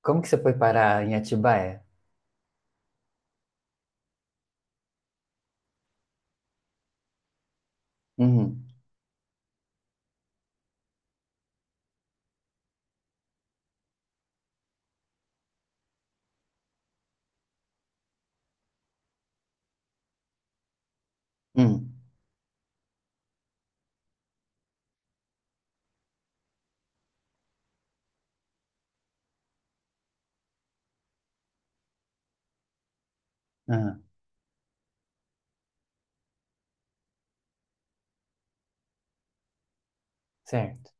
Como que você foi parar em Atibaia? Uhum. Uhum. Aham. Certo.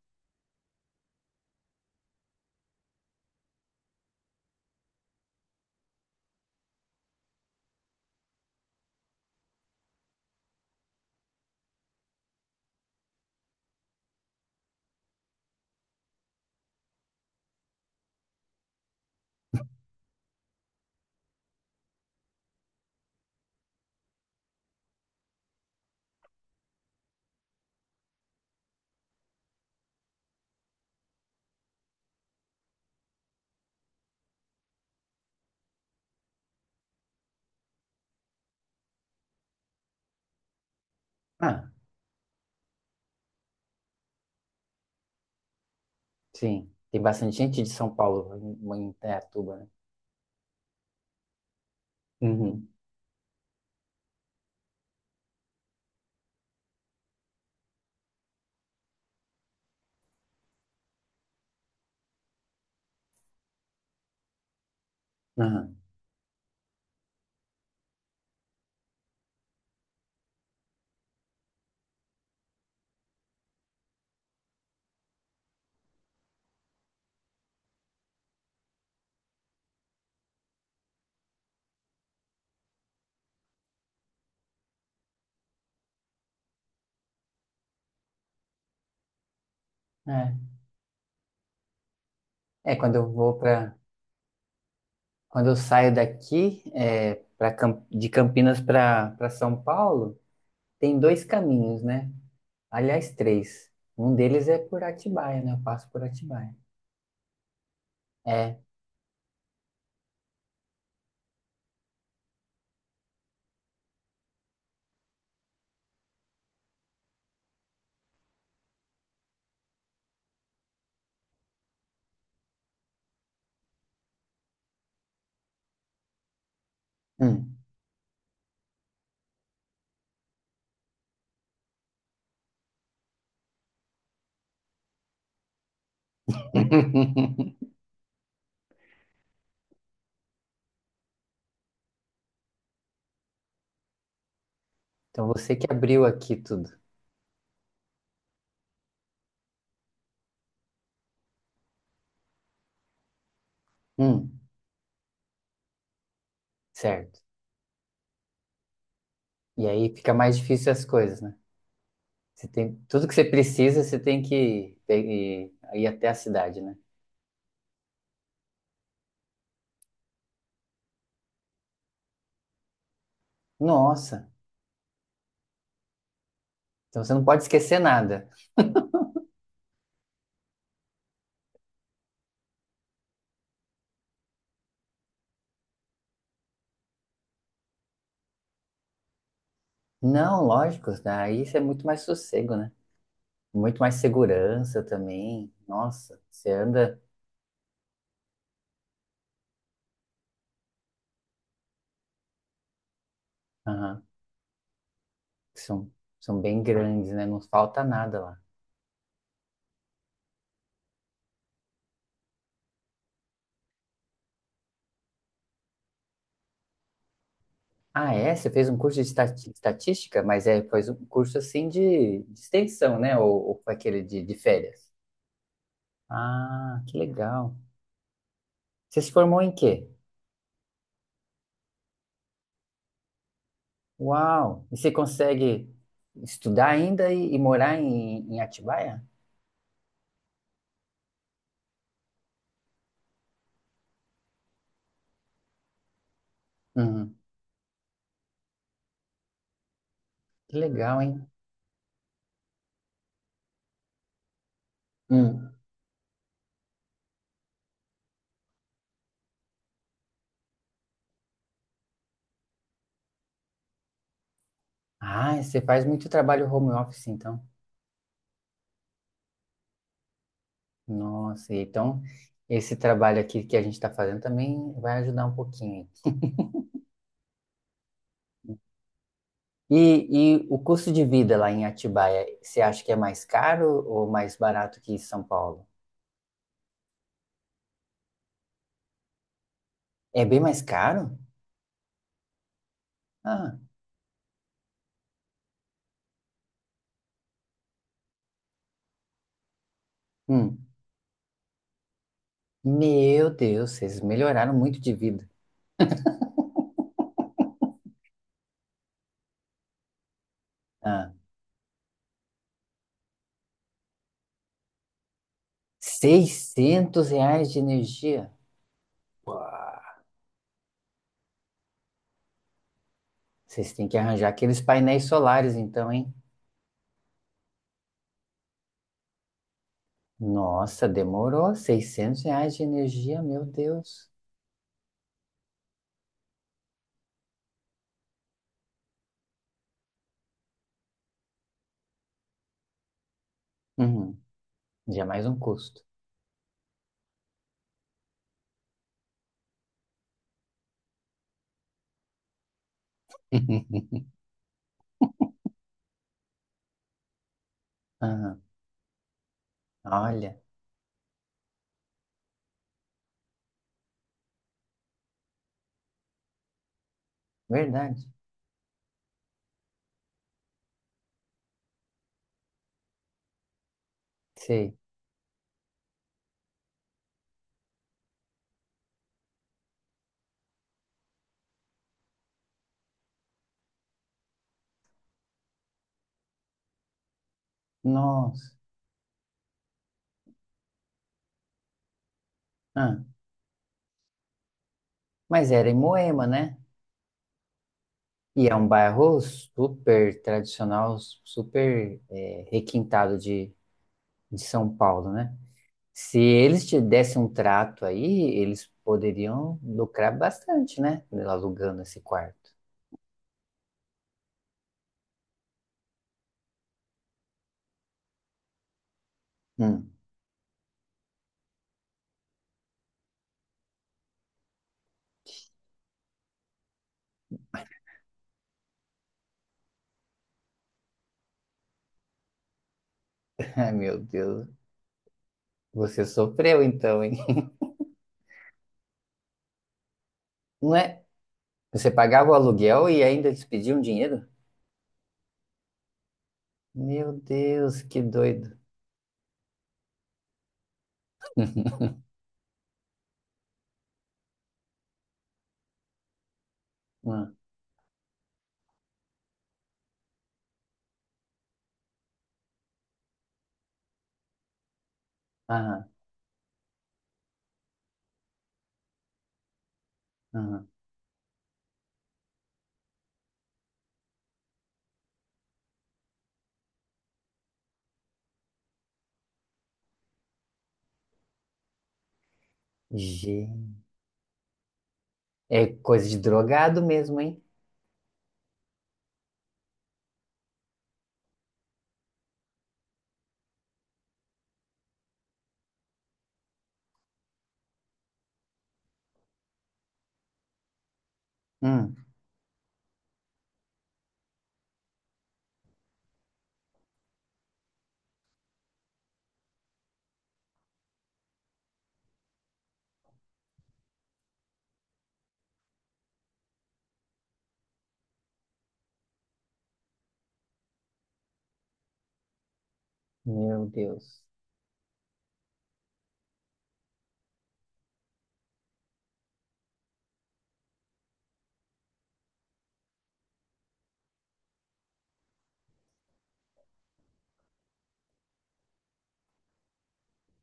Ah, sim. Tem bastante gente de São Paulo em Indaiatuba, né? Uhum. Aham. É. É, quando eu vou para, quando eu saio daqui, pra, de Campinas para São Paulo, tem dois caminhos, né? Aliás, três. Um deles é por Atibaia, né? Eu passo por Atibaia. É. Hum. Então você que abriu aqui tudo. Hum. Certo. E aí fica mais difícil as coisas, né? Você tem tudo que você precisa, você tem que pe- e- ir até a cidade, né? Nossa, então você não pode esquecer nada. Não, lógico, daí isso é muito mais sossego, né? Muito mais segurança também. Nossa, você anda. Aham, são, são bem grandes, né? Não falta nada lá. Ah, é? Você fez um curso de estatística, mas faz um curso assim de extensão, né? Ou aquele de férias. Ah, que legal. Você se formou em quê? Uau! E você consegue estudar ainda e morar em, em Atibaia? Uhum. Que legal, hein? Hum. Ah, você faz muito trabalho home office, então. Nossa, então esse trabalho aqui que a gente está fazendo também vai ajudar um pouquinho. E o custo de vida lá em Atibaia, você acha que é mais caro ou mais barato que São Paulo? É bem mais caro? Ah, hum. Meu Deus, vocês melhoraram muito de vida. Ah. 600 reais de energia? Vocês têm que arranjar aqueles painéis solares, então, hein? Nossa, demorou. 600 reais de energia, meu Deus. Uhum. Já é mais um custo. Ah, olha, verdade. Sei. Nossa. Ah, mas era em Moema, né? E é um bairro super tradicional, super requintado de São Paulo, né? Se eles te dessem um trato aí, eles poderiam lucrar bastante, né? Alugando esse quarto. Hum. Ai, meu Deus. Você sofreu então, hein? Não é? Você pagava o aluguel e ainda eles pediam dinheiro? Meu Deus, que doido. Hum. Aham, aham. Gente. É coisa de drogado mesmo, hein? Hum. Meu Deus.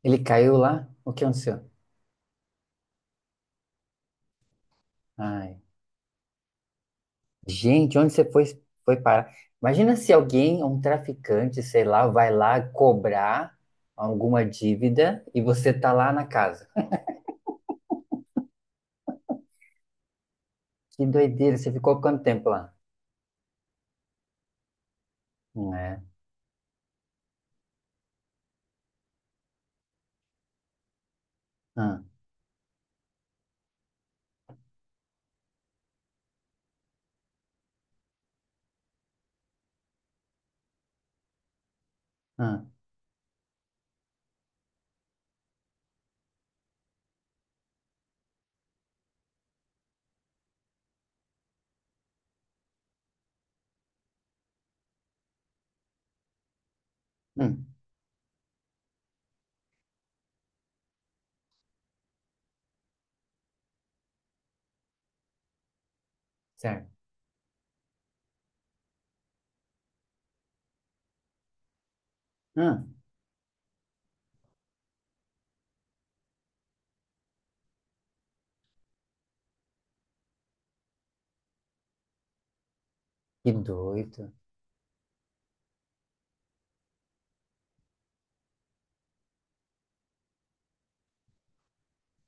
Ele caiu lá? O que aconteceu? Ai. Gente, onde você foi, foi parar? Imagina se alguém, um traficante, sei lá, vai lá cobrar alguma dívida e você tá lá na casa. Que doideira, você ficou quanto tempo lá? Não é? Ah, ah, hum, certo. Ah, que doido.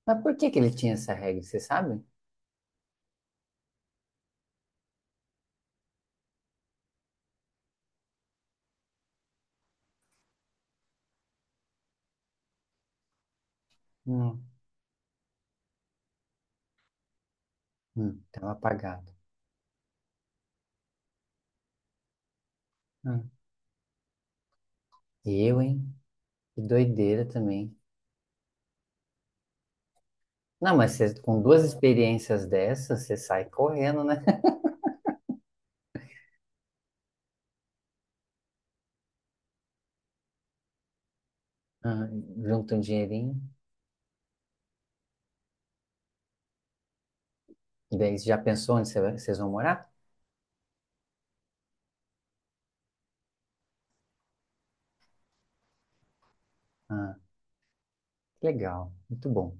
Mas por que que ele tinha essa regra, você sabe? Não. Tava apagado. Hum. Eu, hein? Que doideira também. Não, mas com duas experiências dessas, você sai correndo, né? Ah, junta um dinheirinho. E daí, você já pensou onde você vai- vocês vão morar? Ah, que legal, muito bom.